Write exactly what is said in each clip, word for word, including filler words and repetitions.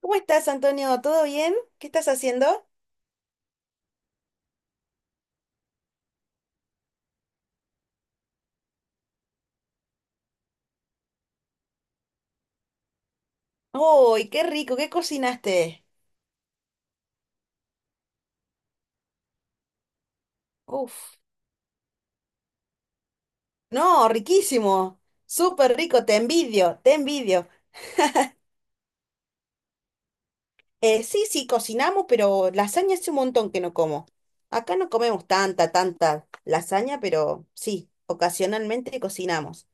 ¿Cómo estás, Antonio? ¿Todo bien? ¿Qué estás haciendo? ¡Uy, qué rico! ¿Qué cocinaste? Uf, no, riquísimo. Súper rico, te envidio, te envidio. Eh, sí, sí, cocinamos, pero lasaña hace un montón que no como. Acá no comemos tanta, tanta lasaña, pero sí, ocasionalmente cocinamos.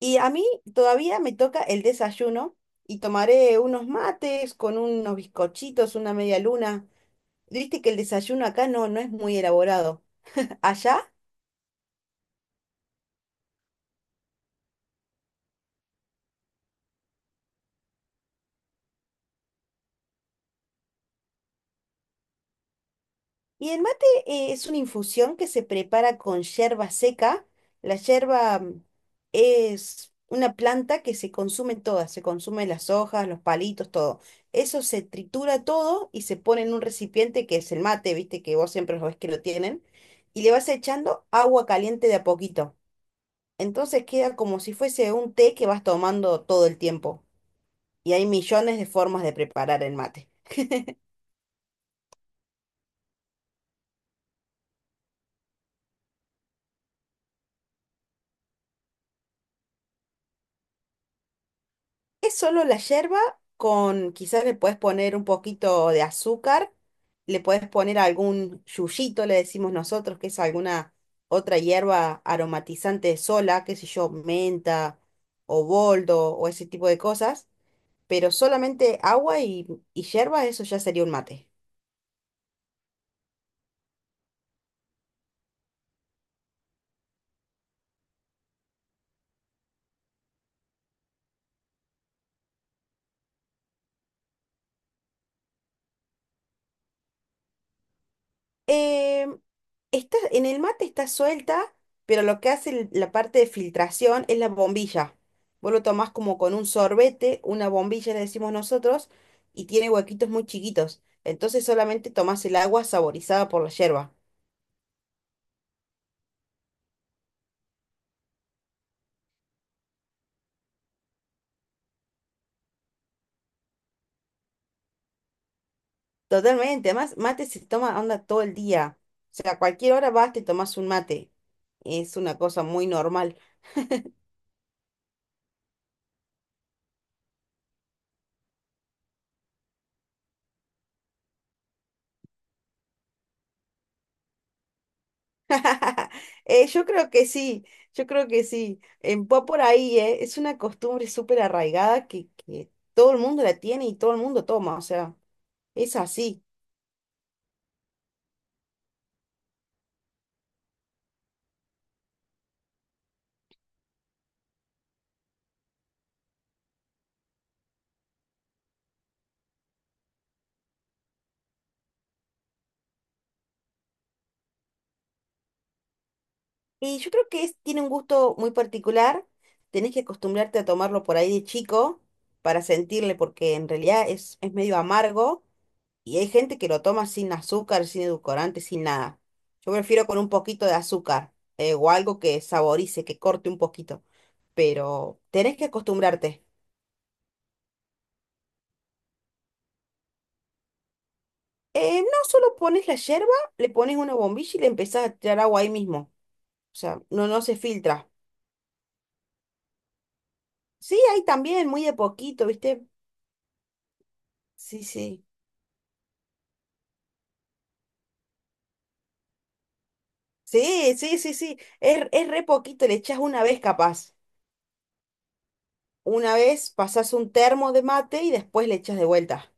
Y a mí todavía me toca el desayuno y tomaré unos mates con unos bizcochitos, una media luna. Viste que el desayuno acá no, no es muy elaborado. ¿Allá? Y el mate eh, es una infusión que se prepara con yerba seca. La yerba mm, es una planta que se consume toda, se consume las hojas, los palitos, todo. Eso se tritura todo y se pone en un recipiente que es el mate, viste que vos siempre lo ves que lo tienen, y le vas echando agua caliente de a poquito. Entonces queda como si fuese un té que vas tomando todo el tiempo. Y hay millones de formas de preparar el mate. Es solo la yerba con, quizás le puedes poner un poquito de azúcar, le puedes poner algún yuyito, le decimos nosotros, que es alguna otra hierba aromatizante sola, qué sé yo, menta o boldo o ese tipo de cosas, pero solamente agua y, y yerba, eso ya sería un mate. Eh, está, en el mate está suelta, pero lo que hace el- la parte de filtración es la bombilla. Vos lo tomás como con un sorbete, una bombilla le decimos nosotros, y tiene huequitos muy chiquitos. Entonces solamente tomás el agua saborizada por la yerba. Totalmente, además mate se toma onda todo el día. O sea, a cualquier hora vas, te tomás un mate. Es una cosa muy normal. Eh, yo creo que sí, yo creo que sí. Em, va por ahí, eh. Es una costumbre súper arraigada que, que todo el mundo la tiene y todo el mundo toma, o sea, es así. Y yo creo que es- tiene un gusto muy particular. Tenés que acostumbrarte a tomarlo por ahí de chico para sentirle, porque en realidad es, es medio amargo y hay gente que lo toma sin azúcar, sin edulcorante, sin nada. Yo prefiero con un poquito de azúcar, eh, o algo que saborice, que corte un poquito. Pero tenés que acostumbrarte. Eh, no solo pones la yerba, le pones una bombilla y le empezás a tirar agua ahí mismo. O sea, no, no se filtra. Sí, ahí también, muy de poquito, ¿viste? Sí, sí. Sí, sí, sí, sí. Es, es re poquito, le echás una vez capaz. Una vez pasás un termo de mate y después le echas de vuelta.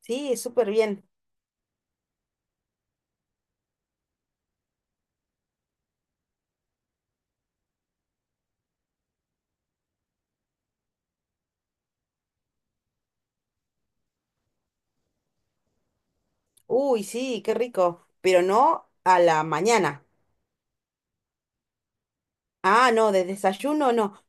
Sí, súper bien. Uy, sí, qué rico. Pero no a la mañana. Ah, no, de desayuno no.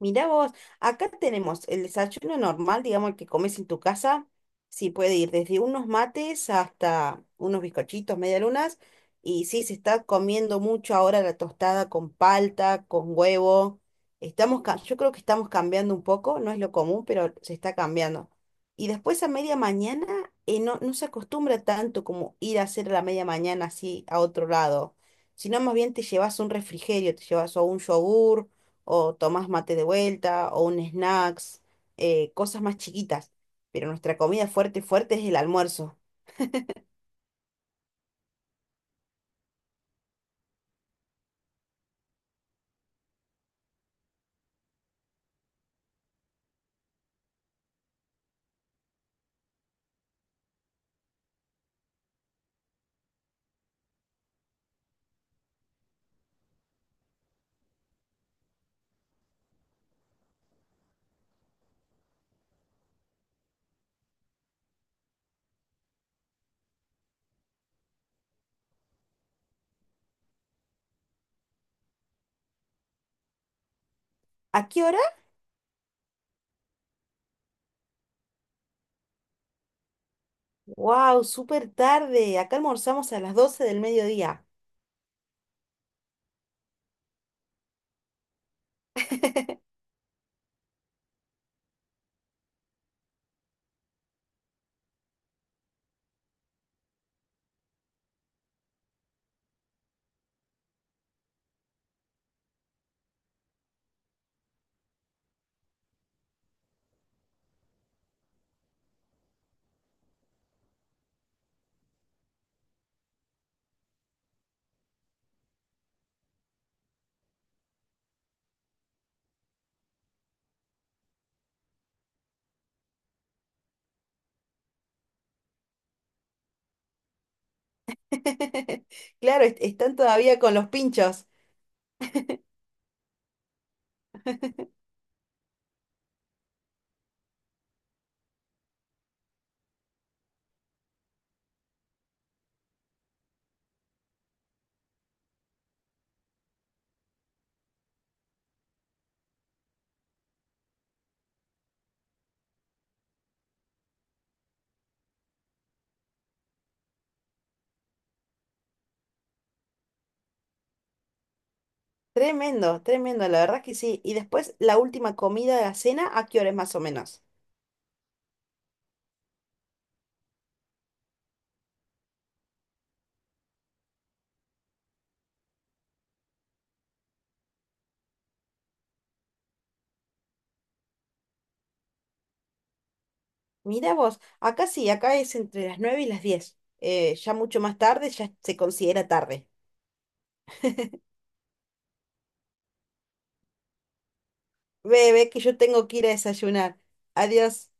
Mirá vos, acá tenemos el desayuno normal, digamos, el que comes en tu casa. Sí, puede ir desde unos mates hasta unos bizcochitos, medialunas. Y sí, se está comiendo mucho ahora la tostada con palta, con huevo. Estamos, ca- yo creo que estamos cambiando un poco, no es lo común, pero se está cambiando. Y después a media mañana, eh, no, no se acostumbra tanto como ir a hacer a la media mañana así a otro lado, sino más bien te llevas un refrigerio, te llevas o un yogur o tomás mate de vuelta, o un snacks, eh, cosas más chiquitas. Pero nuestra comida fuerte, fuerte es el almuerzo. ¿A qué hora? ¡Wow! Súper tarde. Acá almorzamos a las doce del mediodía. Claro, est- están todavía con los pinchos. Tremendo, tremendo, la verdad que sí. Y después la última comida de la cena, ¿a qué hora es más o menos? Mirá vos, acá sí, acá es entre las nueve y las diez. Eh, ya mucho más tarde, ya se considera tarde. Ve, ve que yo tengo que ir a desayunar. Adiós.